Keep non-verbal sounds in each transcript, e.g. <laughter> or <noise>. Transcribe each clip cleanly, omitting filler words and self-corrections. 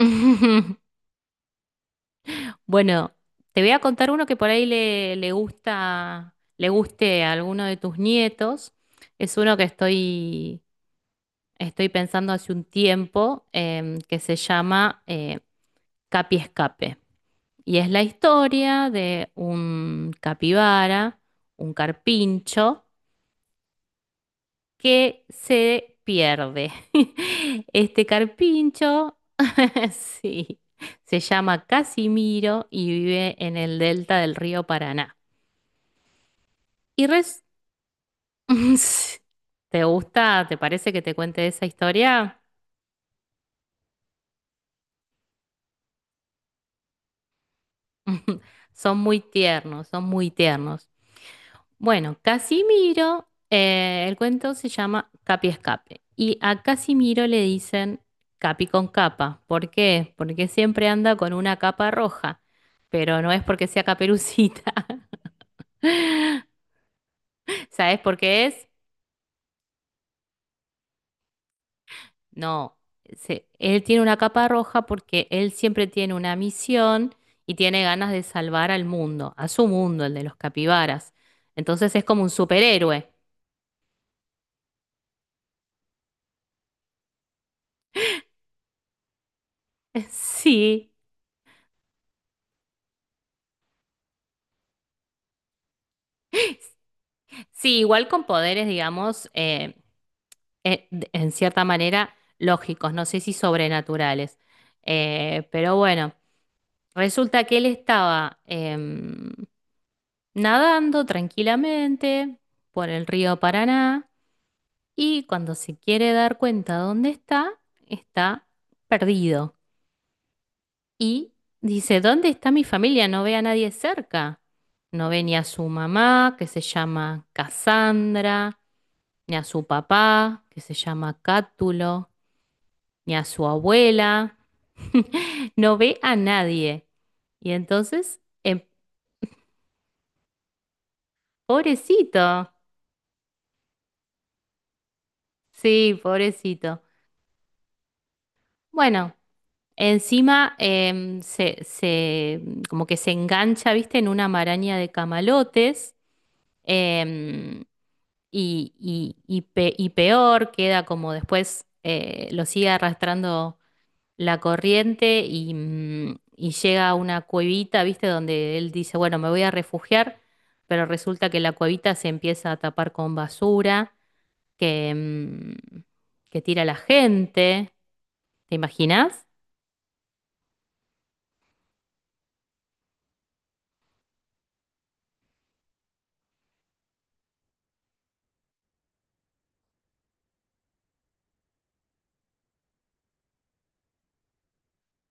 <laughs> Bueno, te voy a contar uno que por ahí le gusta, le guste a alguno de tus nietos. Es uno que estoy pensando hace un tiempo, que se llama Capi Escape. Y es la historia de un capibara, un carpincho, que se pierde. <laughs> Este carpincho, <laughs> sí, se llama Casimiro y vive en el delta del río Paraná. Y <laughs> ¿Te gusta? ¿Te parece que te cuente esa historia? <laughs> Son muy tiernos, son muy tiernos. Bueno, Casimiro, el cuento se llama Capi Escape. Y a Casimiro le dicen Capi con capa. ¿Por qué? Porque siempre anda con una capa roja, pero no es porque sea caperucita. <laughs> ¿Sabes por qué es? No, él tiene una capa roja porque él siempre tiene una misión y tiene ganas de salvar al mundo, a su mundo, el de los capibaras. Entonces es como un superhéroe. <laughs> Sí, sí, igual con poderes, digamos, en cierta manera lógicos, no sé si sobrenaturales. Pero bueno, resulta que él estaba nadando tranquilamente por el río Paraná y cuando se quiere dar cuenta dónde está, está perdido. Y dice, ¿dónde está mi familia? No ve a nadie cerca. No ve ni a su mamá, que se llama Cassandra, ni a su papá, que se llama Cátulo, ni a su abuela, <laughs> no ve a nadie. Y entonces, pobrecito, sí, pobrecito. Bueno, encima em, se, se- como que se engancha, viste, en una maraña de camalotes. em, y peor, queda como después lo sigue arrastrando la corriente y, y llega a una cuevita, ¿viste? Donde él dice, bueno, me voy a refugiar, pero resulta que la cuevita se empieza a tapar con basura que, que tira la gente. ¿Te imaginas?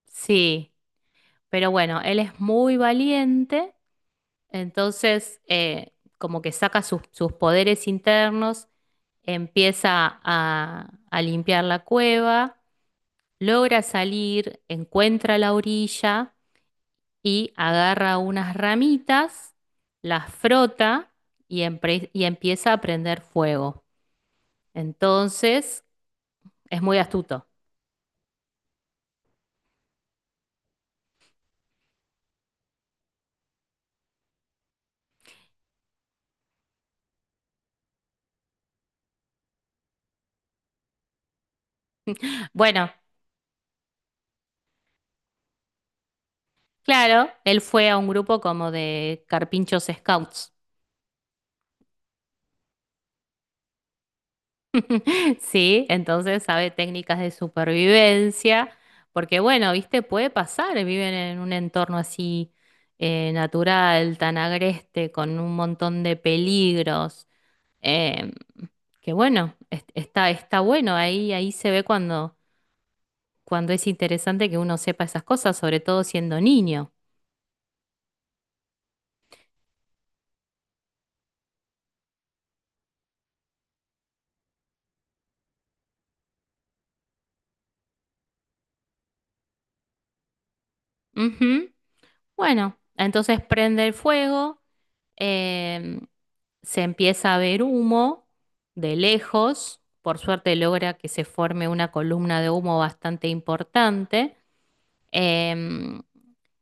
Sí, pero bueno, él es muy valiente, entonces como que saca sus poderes internos, empieza a limpiar la cueva, logra salir, encuentra la orilla y agarra unas ramitas, las frota y, y empieza a prender fuego. Entonces, es muy astuto. Bueno, claro, él fue a un grupo como de carpinchos scouts, <laughs> ¿sí? Entonces sabe técnicas de supervivencia, porque bueno, viste, puede pasar, viven en un entorno así natural, tan agreste, con un montón de peligros. Eh, que bueno, está bueno, ahí se ve cuando es interesante que uno sepa esas cosas, sobre todo siendo niño. Ujú. Bueno, entonces prende el fuego, em, se empieza a ver humo de lejos, por suerte logra que se forme una columna de humo bastante importante. Em,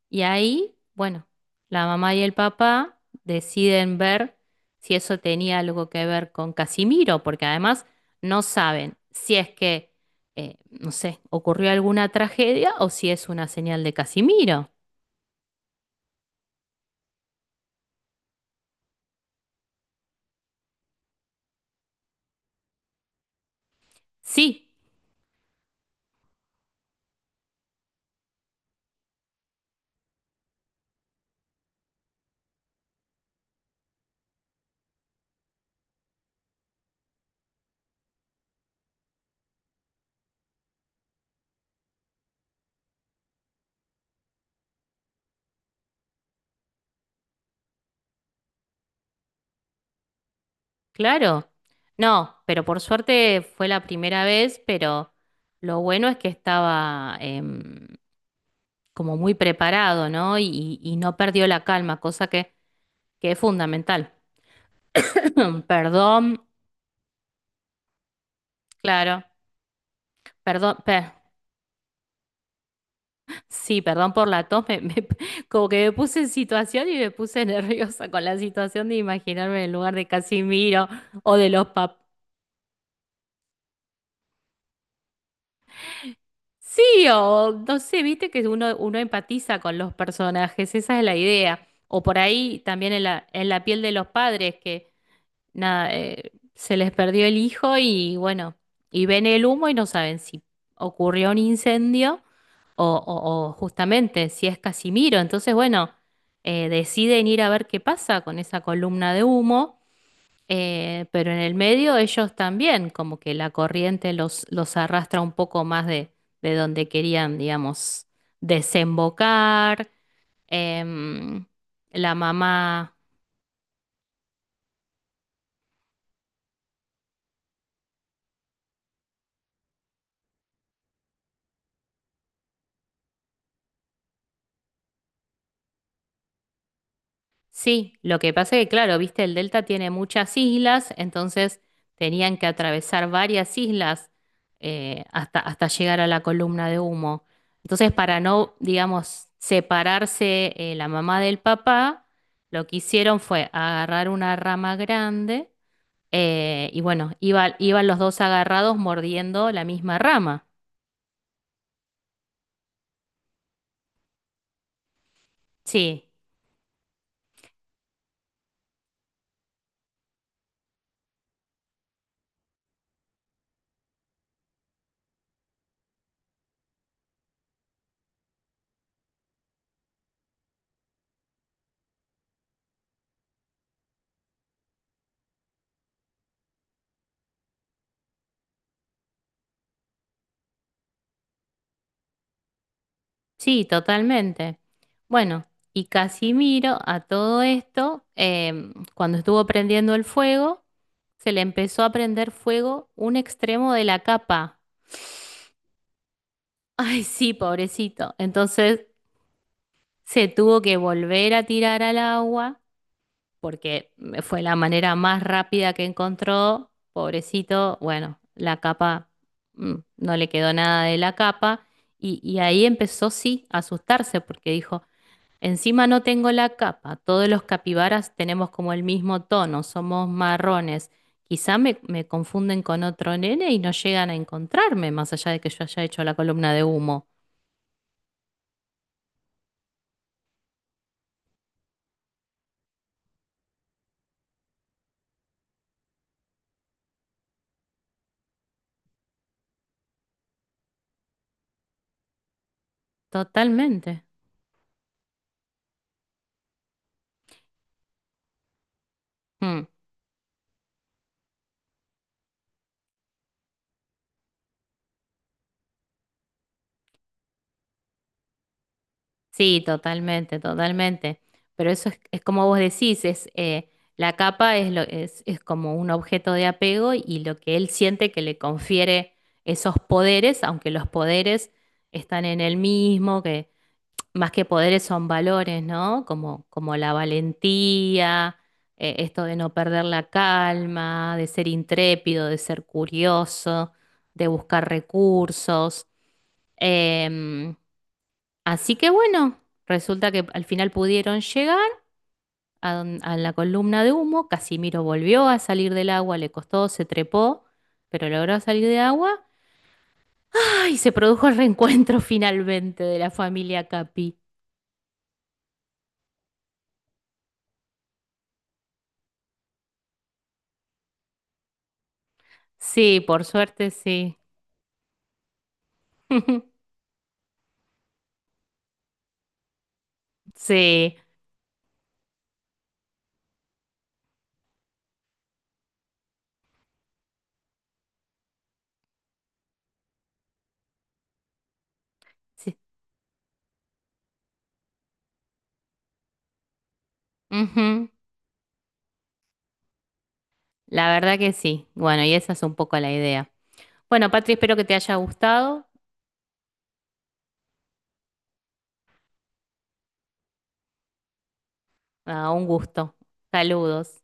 y ahí, bueno, la mamá y el papá deciden ver si eso tenía algo que ver con Casimiro, porque además no saben si es que, no sé, ocurrió alguna tragedia o si es una señal de Casimiro. Sí, claro. No, pero por suerte fue la primera vez, pero lo bueno es que estaba como muy preparado, ¿no? Y no perdió la calma, cosa que es fundamental. Mm, perdón, claro, perdón, pe- sí, perdón por la tos, <laughs> como que me puse en situación y me puse <laughs> nerviosa con la situación de imaginarme en el lugar de Casimiro o de los pap. Sí, o no sé, viste que uno empatiza con los personajes, esa es la idea. O por ahí también en en la piel de los padres, que nada, se les perdió el hijo y bueno, y ven el humo y no saben si ocurrió un incendio o justamente si es Casimiro. Entonces, bueno, deciden ir a ver qué pasa con esa columna de humo, pero en el medio ellos también, como que la corriente los arrastra un poco más de donde querían, digamos, desembocar. Em, la mamá. Sí, lo que pasa es que, claro, viste, el delta tiene muchas islas, entonces tenían que atravesar varias islas hasta, hasta llegar a la columna de humo. Entonces, para no, digamos, separarse la mamá del papá, lo que hicieron fue agarrar una rama grande y bueno, iban los dos agarrados mordiendo la misma rama. Sí. Sí, totalmente. Bueno, y Casimiro a todo esto, cuando estuvo prendiendo el fuego, se le empezó a prender fuego un extremo de la capa. <laughs> Ay, sí, pobrecito. Entonces se tuvo que volver a tirar al agua porque fue la manera más rápida que encontró. Pobrecito, bueno, la capa, no le quedó nada de la capa. Y ahí empezó, sí, a asustarse porque dijo... Encima no tengo la capa. Todos los capibaras tenemos como el mismo tono, somos marrones. Quizá me confunden con otro nene y no llegan a encontrarme, más allá de que yo haya hecho la columna de humo. Totalmente. Mm. Sí, totalmente, totalmente. Pero eso es como vos decís, es la capa es como un objeto de apego y lo que él siente que le confiere esos poderes, aunque los poderes están en él mismo, que más que poderes son valores, ¿no? Como, como la valentía, esto de no perder la calma, de ser intrépido, de ser curioso, de buscar recursos. Em, Así que bueno, resulta que al final pudieron llegar a, a la columna de humo. Casimiro volvió a salir del agua, le costó, se trepó, pero logró salir de agua. ¡Ay! Se produjo el reencuentro <laughs> finalmente de la familia Capi. Sí, por suerte sí. <laughs> Sí, sí. Ujú. La verdad que sí. Bueno, y esa es un poco la idea. Bueno, Patri, espero que te haya gustado. Ah, un gusto. Saludos.